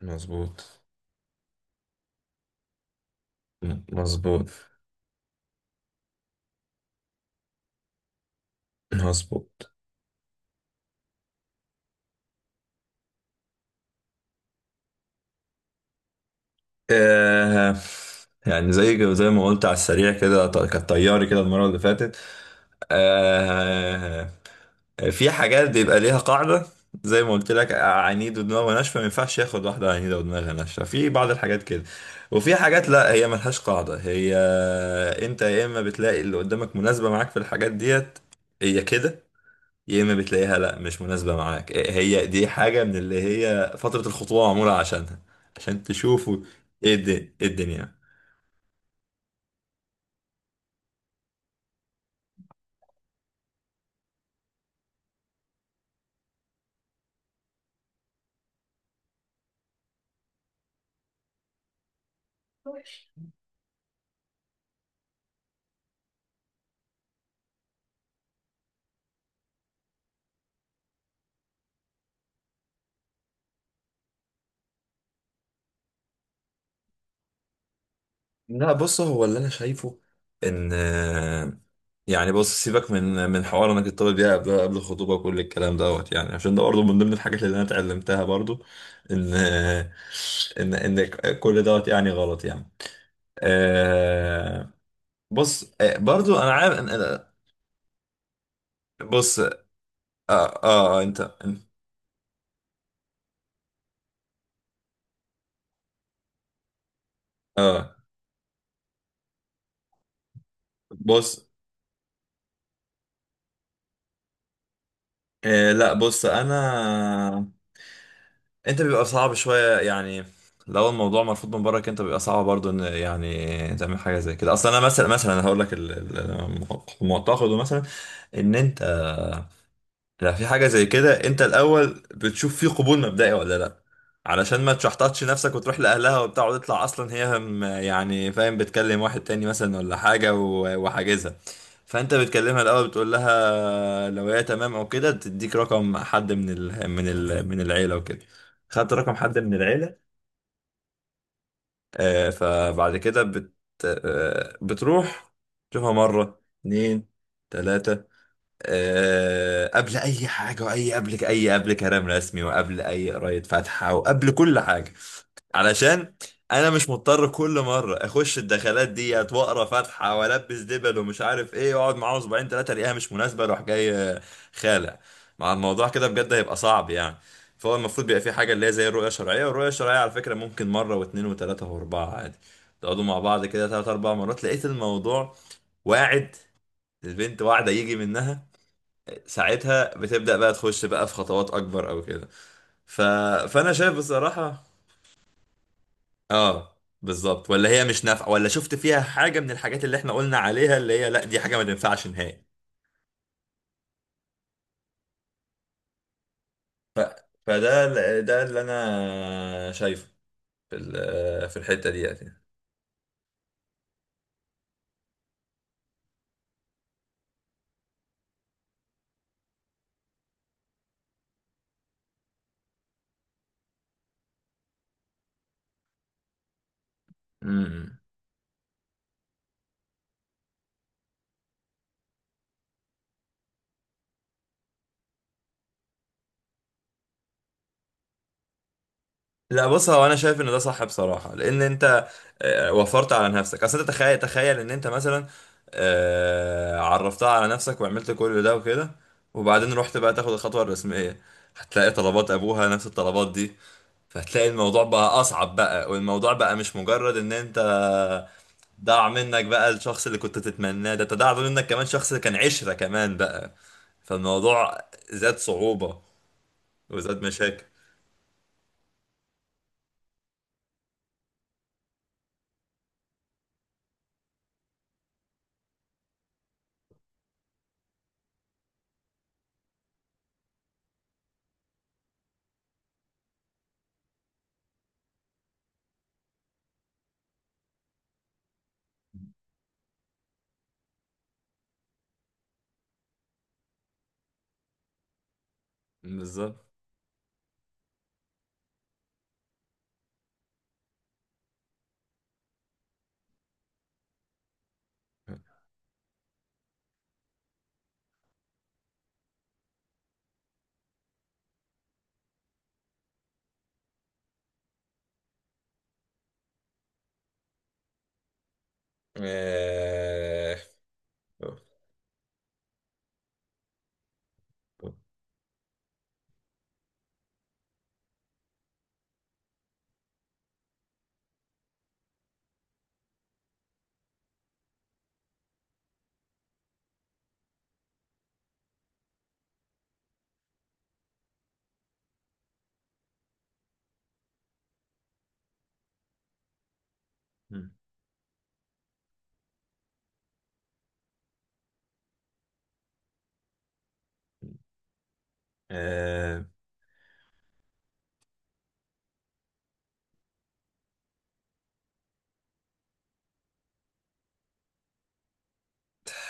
مظبوط مظبوط مظبوط. آه يعني زي ما قلت على السريع كده، كانت طياري كده المرة اللي فاتت. آه في حاجات بيبقى ليها قاعدة، زي ما قلت لك، عنيد ودماغه ناشفة ما ينفعش ياخد واحدة عنيدة ودماغها ناشفة في بعض الحاجات كده. وفي حاجات لا، هي ملهاش قاعدة، هي انت يا اما بتلاقي اللي قدامك مناسبة معاك في الحاجات ديت، هي كده، يا اما بتلاقيها لا، مش مناسبه معاك. إيه هي دي؟ حاجه من اللي هي فتره الخطوبه معموله عشانها، عشان تشوفوا ايه الدنيا, إيه الدنيا. لا بص، هو اللي انا شايفه ان يعني بص، سيبك من حوار انك تطلب بيها قبل الخطوبه وكل الكلام دوت، يعني عشان ده برضه من ضمن الحاجات اللي انا اتعلمتها برضه، ان آه، ان كل دوت يعني غلط يعني. آه، بص، برضو انا عارف بص اه اه انت اه بص، لا، بص، انا انت بيبقى صعب شويه يعني. لو الموضوع مرفوض من برك، انت بيبقى صعب برضو ان يعني تعمل حاجه زي كده اصلا. انا مثلا هقول لك المعتقد مثلا ان انت، لا، في حاجة زي كده انت الاول بتشوف فيه قبول مبدئي ولا لا، علشان ما تشحططش نفسك وتروح لاهلها وبتاع وتطلع اصلا هي يعني فاهم، بتكلم واحد تاني مثلا ولا حاجة وحاجزها. فانت بتكلمها الاول، بتقول لها لو هي تمام او كده تديك رقم حد من ال من ال من العيلة وكده. خدت رقم حد من العيلة، فبعد كده بت آه، بتروح تشوفها مرة، اتنين، تلاتة، قبل اي حاجه، واي قبل كلام رسمي وقبل اي قرايه فاتحه وقبل كل حاجه. علشان انا مش مضطر كل مره اخش الدخلات ديت واقرا فاتحه والبس دبل ومش عارف ايه واقعد معاه اسبوعين ثلاثه الاقيها مش مناسبه اروح جاي خالع مع الموضوع كده، بجد هيبقى صعب يعني. فهو المفروض بيبقى في حاجه اللي هي زي الرؤيه الشرعيه، والرؤيه الشرعيه على فكره ممكن مره واثنين وثلاثه واربعه عادي، تقعدوا مع بعض كده ثلاث اربع مرات، لقيت الموضوع واعد، البنت واعده، يجي منها، ساعتها بتبدأ بقى تخش بقى في خطوات اكبر او كده. ف... فانا شايف بصراحة، اه، بالظبط، ولا هي مش نافعة، ولا شفت فيها حاجة من الحاجات اللي احنا قلنا عليها اللي هي لا، دي حاجة ما تنفعش نهائي. ف... فده ده اللي انا شايفه في في الحتة دي. يعني لا، بص، هو انا شايف ان ده صح بصراحه، لان انت وفرت على نفسك. اصل انت تخيل، ان انت مثلا عرفتها على نفسك وعملت كل ده وكده وبعدين رحت بقى تاخد الخطوه الرسميه، هتلاقي طلبات ابوها نفس الطلبات دي، فهتلاقي الموضوع بقى اصعب بقى، والموضوع بقى مش مجرد ان انت ضاع منك بقى الشخص اللي كنت تتمناه، ده انت ضاع منك كمان شخص كان عشره كمان بقى، فالموضوع زاد صعوبه وزاد مشاكل. بالظبط. آه، مم. آه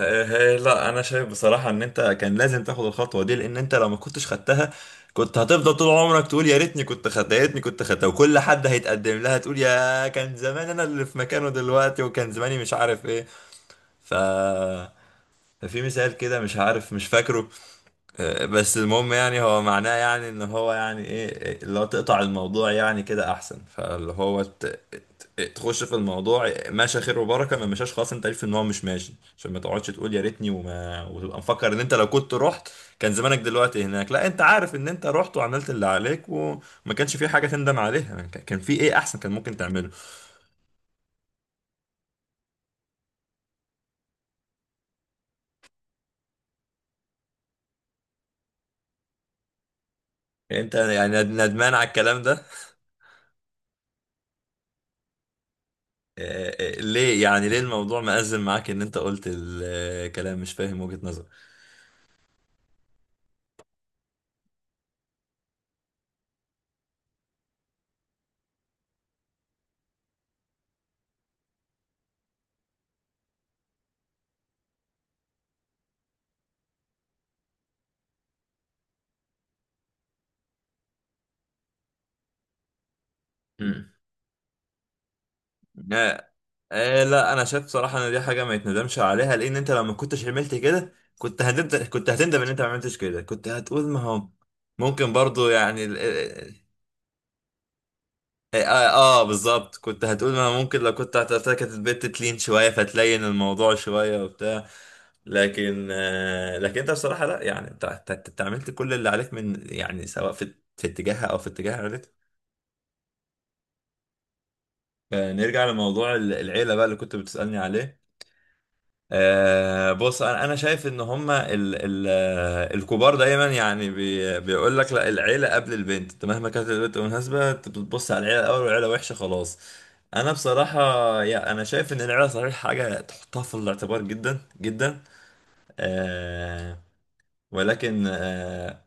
لا، انا شايف بصراحه ان انت كان لازم تاخد الخطوه دي، لان انت لو ما كنتش خدتها كنت هتفضل طول عمرك تقول يا ريتني كنت خدتها، يا ريتني كنت خدتها، وكل حد هيتقدم لها تقول يا كان زمان انا اللي في مكانه دلوقتي وكان زماني مش عارف ايه. ف ففي مثال كده مش عارف، مش فاكره، بس المهم يعني، هو معناه يعني ان هو يعني ايه اللي هو تقطع الموضوع يعني كده احسن، فاللي هو تخش في الموضوع، ماشي خير وبركه، ما مشاش خلاص انت عارف ان هو مش ماشي، عشان ما تقعدش تقول يا ريتني وتبقى مفكر ان انت لو كنت رحت كان زمانك دلوقتي هناك، لا، انت عارف ان انت رحت وعملت اللي عليك وما كانش في حاجه تندم عليها. كان في ايه احسن كان ممكن تعمله؟ انت يعني ندمان على الكلام ده؟ ليه يعني؟ ليه الموضوع مأزم معاك ان انت قلت الكلام؟ مش فاهم وجهة نظرك. آه. لا، انا شايف صراحه ان دي حاجه ما يتندمش عليها، لان انت لو ما كنتش عملت كده كنت هتندم، كنت هتندم ان انت ما عملتش كده، كنت هتقول ما هو ممكن برضو يعني بالظبط، كنت هتقول ما هو ممكن لو كنت هتعتبر كانت البت تلين شويه فتلين الموضوع شويه وبتاع. لكن لكن انت بصراحه لا، يعني انت عملت كل اللي عليك من يعني، سواء في اتجاهها او في اتجاه عيلتها. نرجع لموضوع العيله بقى اللي كنت بتسالني عليه. بص، أنا شايف ان هما ال ال آه، الكبار دايما يعني بيقول لك لا، العيله قبل البنت، انت مهما كانت البنت مناسبه انت بتبص على العيله الاول، والعيله وحشه خلاص. انا بصراحه، انا شايف ان العيله صحيح حاجه تحطها في الاعتبار جدا جدا، آه ولكن آه،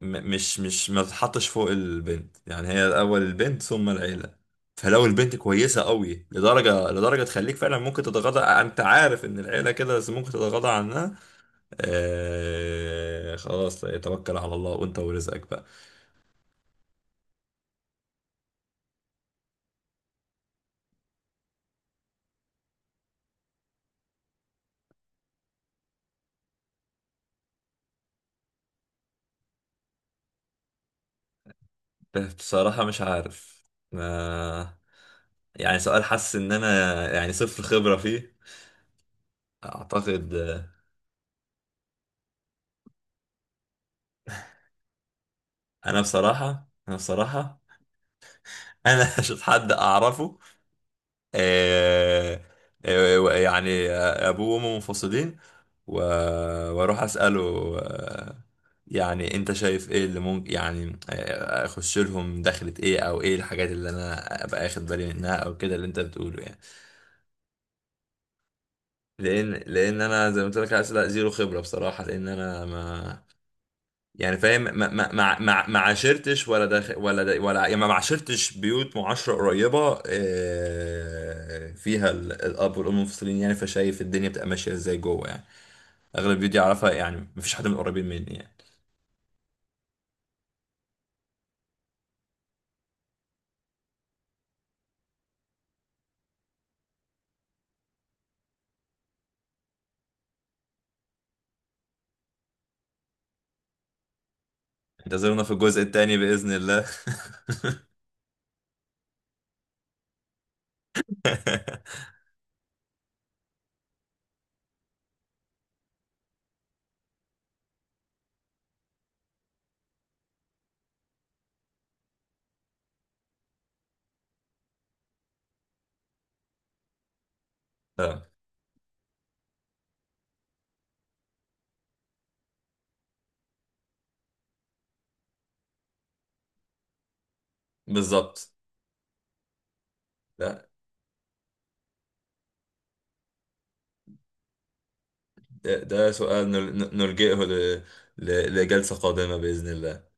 م- مش مش ما تتحطش فوق البنت، يعني هي الاول البنت ثم العيله. فلو البنت كويسه قوي لدرجه تخليك فعلا ممكن تتغاضى، انت عارف ان العيله كده بس ممكن تتغاضى عنها، خلاص توكل على الله وانت ورزقك بقى. بصراحه مش عارف، آه يعني سؤال حاسس ان انا يعني صفر خبره فيه. اعتقد انا بصراحه، انا مش حد اعرفه آه، يعني ابوه وامه منفصلين و- واروح اساله، آه، يعني انت شايف ايه اللي ممكن يعني اخش لهم دخلة ايه، او ايه الحاجات اللي انا ابقى اخد بالي منها او كده، اللي انت بتقوله يعني. لان انا زي ما قلت لك اسئله زيرو خبره بصراحه، لان انا ما يعني فاهم، ما عاشرتش ولا داخل ولا دا ولا يعني ما عاشرتش بيوت معاشرة قريبة فيها الأب والأم منفصلين يعني، فشايف الدنيا بتبقى ماشية ازاي جوه يعني. أغلب البيوت دي أعرفها، يعني مفيش حد من القريبين مني يعني. انتظرونا في الجزء التاني بإذن الله. آه، بالظبط. ده ده سؤال نلجئه لجلسة قادمة بإذن الله.